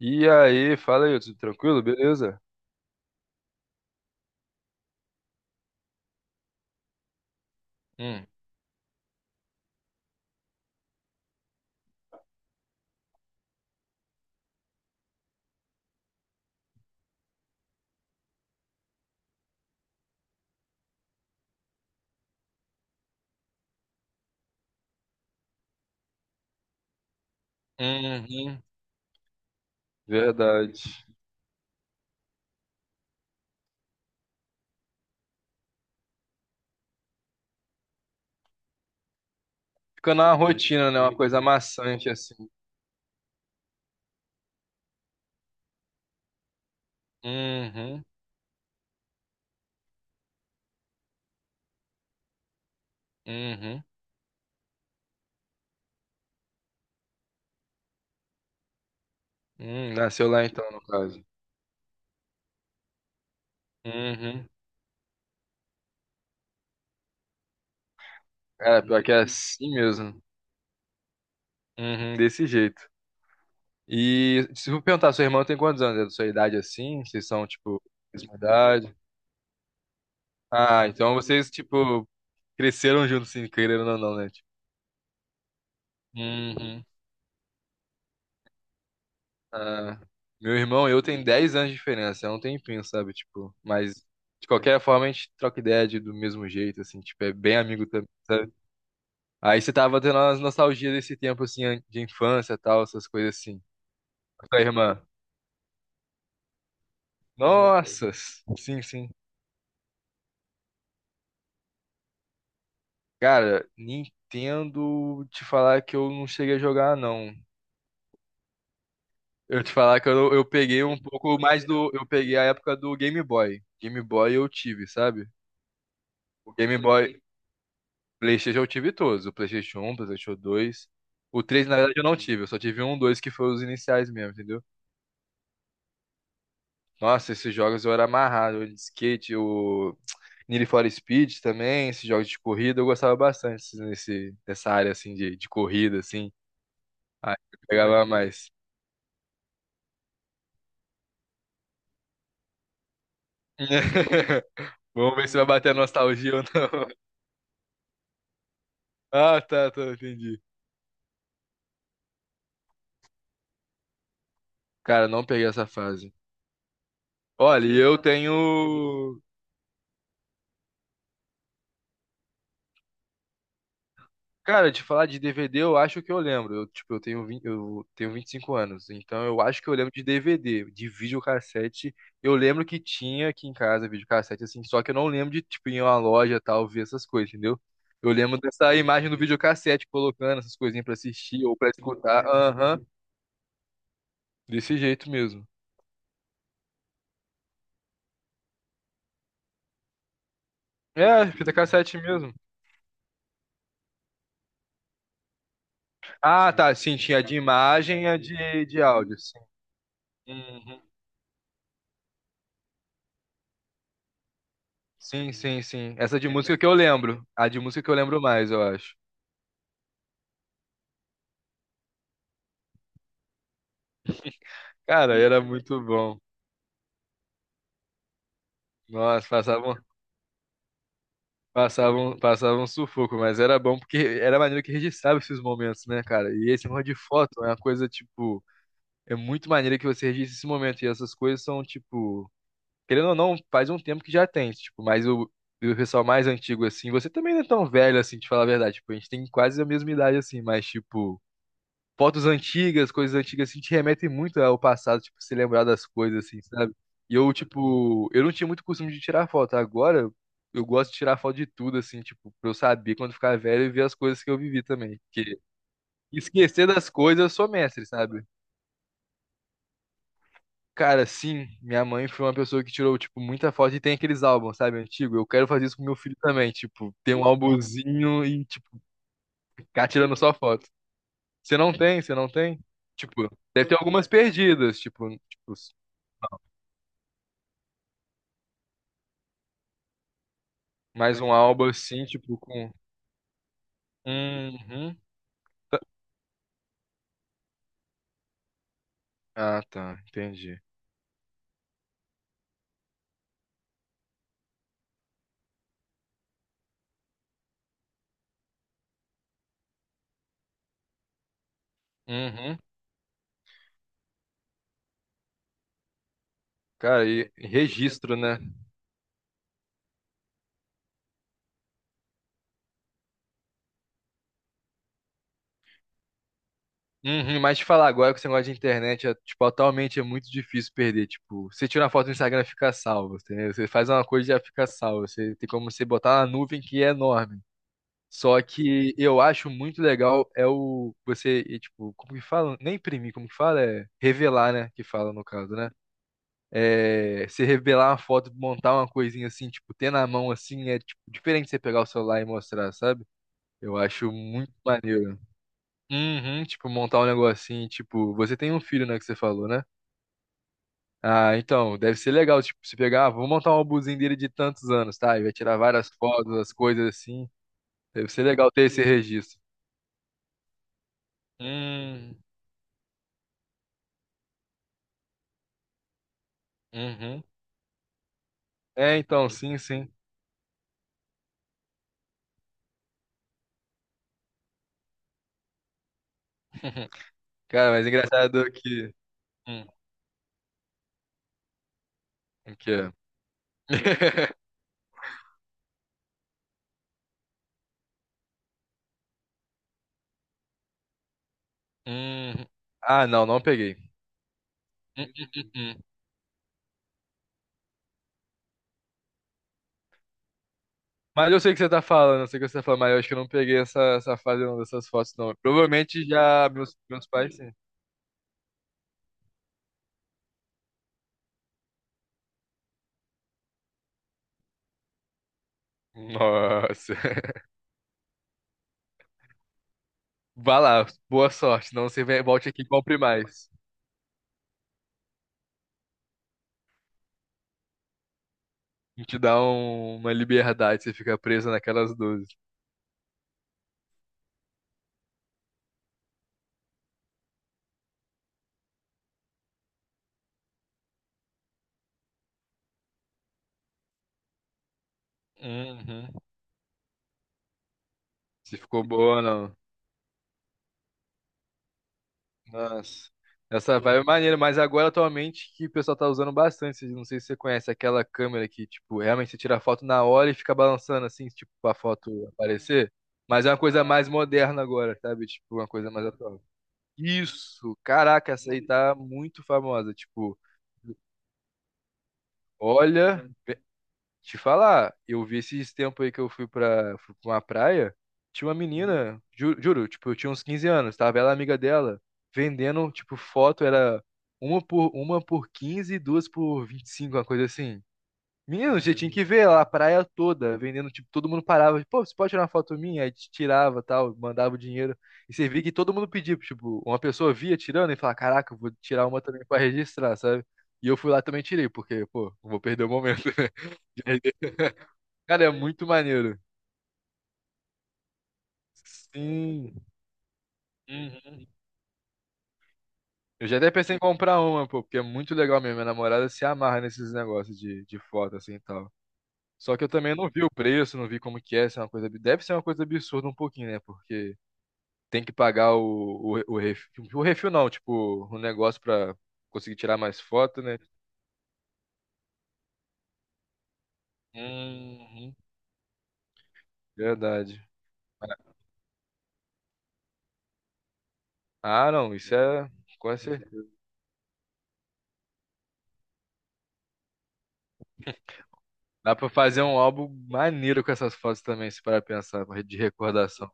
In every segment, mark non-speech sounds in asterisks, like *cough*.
E aí, fala aí, tudo tranquilo? Beleza? Hum, uhum. Verdade. Fica na rotina, né? Uma coisa maçante assim. Uhum, uhum, Nasceu lá então, no caso. uhum, É, pior que é assim mesmo. Uhum. Desse jeito. E se eu perguntar, sua irmã tem quantos anos? É da sua idade assim? Vocês são, tipo, mesma idade? Ah, então vocês, tipo, cresceram juntos, assim, querendo ou não, né? Tipo, Ah, meu irmão e eu tem 10 anos de diferença, é um tempinho, sabe? Tipo, mas de qualquer forma a gente troca ideia de- do mesmo jeito, assim, tipo, é bem amigo também, sabe? Aí você tava tendo umas nostalgias desse tempo, assim, an- de infância tal, essas coisas assim. Com a tua irmã. Nossa! Sim, sim. Cara, Nintendo, te falar que eu não cheguei a jogar, não. Eu te falar que eu peguei um pouco mais do. Eu peguei a época do Game Boy. Game Boy eu tive, sabe? O Game Boy. PlayStation eu tive todos. O PlayStation um, PlayStation 2, O 3 na verdade, eu não tive. Eu só tive um, dois, que foi os iniciais mesmo, entendeu? Nossa, esses jogos eu era amarrado. O de skate, o Need for Speed também, esses jogos de corrida, eu gostava bastante esses- nesse, nessa área, assim, de corrida, assim. Aí eu pegava mais. *laughs* Vamos ver se vai bater a nostalgia ou não. *laughs* Ah, tá, tá, entendi. Cara, não peguei essa fase. Olha, e eu tenho. Cara, de falar de DVD, eu acho que eu lembro. Eu, tipo, eu tenho 20, eu tenho 25 anos, então eu acho que eu lembro de DVD, de videocassete. Eu lembro que tinha aqui em casa videocassete, assim, só que eu não lembro de, tipo, ir em uma loja tal, ver essas coisas, entendeu? Eu lembro dessa imagem do videocassete colocando essas coisinhas pra assistir ou pra escutar. Aham, desse jeito mesmo. É, fita cassete mesmo. Ah, tá, sim, tinha de imagem e a de áudio, sim. Uhum. Sim, sim, sim. Essa de música que eu lembro. A de música que eu lembro mais, eu acho. Cara, era muito bom. Nossa, passavam, passavam, passavam sufoco, mas era bom porque era maneiro que registrava esses momentos, né, cara? E esse negócio de foto é uma coisa, tipo, é muito maneiro que você registre esse momento. E essas coisas são, tipo, querendo ou não, faz um tempo que já tem, tipo, mas o pessoal mais antigo, assim, você também não é tão velho, assim, de falar a verdade. Tipo, a gente tem quase a mesma idade, assim, mas, tipo. Fotos antigas, coisas antigas, assim, te remetem muito ao passado, tipo, se lembrar das coisas, assim, sabe? E eu, tipo, eu não tinha muito costume de tirar foto. Agora, eu gosto de tirar foto de tudo, assim, tipo, pra eu saber quando ficar velho e ver as coisas que eu vivi também. Porque esquecer das coisas, eu sou mestre, sabe? Cara, sim, minha mãe foi uma pessoa que tirou, tipo, muita foto e tem aqueles álbuns, sabe, antigo. Eu quero fazer isso com meu filho também, tipo, ter um álbumzinho e, tipo, ficar tirando só foto. Você não tem? Você não tem? Tipo, deve ter algumas perdidas, tipo, Mais um álbum assim, tipo com. Uhum. Ah, tá, entendi. Uhum. Cara, e registro, né? Uhum. Mas te falar agora que esse negócio de internet é, tipo, atualmente é muito difícil perder. Tipo, você tira uma foto no Instagram fica salvo, entendeu? Você faz uma coisa e já fica salvo. Você tem como você botar na nuvem que é enorme. Só que eu acho muito legal é o você, e, tipo, como que fala? Nem imprimir, como que fala? É revelar, né? Que fala no caso, né? É, você revelar uma foto, montar uma coisinha assim, tipo, ter na mão assim, é tipo, diferente de você pegar o celular e mostrar, sabe? Eu acho muito maneiro. Uhum, tipo, montar um negocinho, tipo, você tem um filho, né, que você falou, né? Ah, então, deve ser legal, tipo, você pegar, ah, vou montar um álbumzinho dele de tantos anos, tá? E vai tirar várias fotos, as coisas assim. Deve ser legal ter esse registro. Hum, uhum. É, então, sim, sim. *laughs* Cara, mas engraçado que. Hum, o que é? *laughs* Hum, Ah, não, não peguei. hum, hum, hum, hum. Mas eu sei o que você tá falando, eu sei o que você tá falando, mas eu acho que eu não peguei essa, essa fase não, dessas fotos, não. Provavelmente já meus, meus pais, sim. Nossa. *laughs* Vá lá, boa sorte. Não, você vem- volte aqui e compre mais. Não, te dá um- uma liberdade, você fica preso naquelas doze. Uhum. Se ficou boa ou não. Nossa, essa vibe é maneira, mas agora atualmente que o pessoal tá usando bastante, não sei se você conhece aquela câmera que, tipo, realmente você tira a foto na hora e fica balançando assim, tipo, pra foto aparecer, mas é uma coisa mais moderna agora, sabe? Tipo, uma coisa mais atual. Isso, caraca, essa aí tá muito famosa, tipo, olha. Te falar, eu vi esses tempos aí que eu fui pra uma praia, tinha uma menina, ju- juro, tipo, eu tinha uns 15 anos, tava ela amiga dela, vendendo, tipo, foto, era uma por, uma por 15 e duas por 25 uma coisa assim. Menino, você tinha que Caramba. Ver lá a praia toda, vendendo, tipo, todo mundo parava, pô, você pode tirar uma foto minha? Aí te tirava, tal, mandava o dinheiro. E você via que todo mundo pedia, tipo, uma pessoa via tirando e falava, caraca, eu vou tirar uma também pra registrar, sabe? E eu fui lá também e tirei, porque, pô, não vou perder o momento, né? *laughs* Cara, é muito maneiro. Sim. Uhum. Eu já até pensei em comprar uma, pô, porque é muito legal mesmo. Minha namorada se amarra nesses negócios de foto assim e tal. Só que eu também não vi o preço, não vi como que é, se é uma coisa, ab- deve ser uma coisa absurda um pouquinho, né? Porque tem que pagar o refil, o refil não, tipo, o negócio pra conseguir tirar mais foto, né? Uhum. Verdade. Ah, não, isso é, com certeza. Dá pra fazer um álbum maneiro com essas fotos também, se parar pra pensar, de recordação.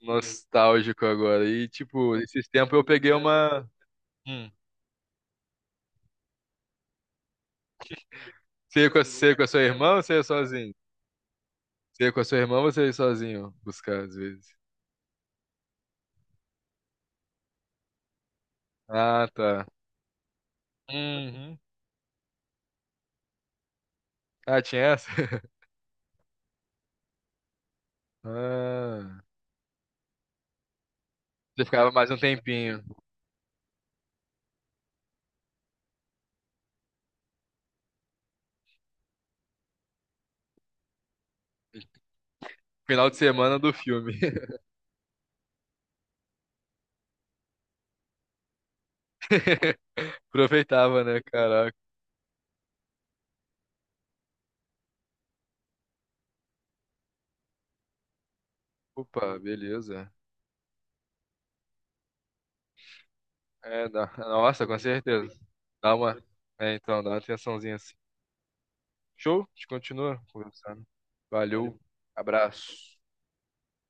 Nostálgico agora. E, tipo, esses tempos eu peguei uma. Hum. Você ia com a, você ia com a sua irmã ou você ia sozinho? Você ia com a sua irmã ou você ia sozinho buscar, às vezes? Ah, tá. Uhum. Ah, tinha essa? *laughs* Ah. Você ficava mais um tempinho. Final de semana do filme. *laughs* Aproveitava, né? Caraca. Opa, beleza. É, dá- Nossa, com certeza. Dá uma. É, então, dá uma atençãozinha assim. Show? A gente continua conversando. Valeu. Abraço.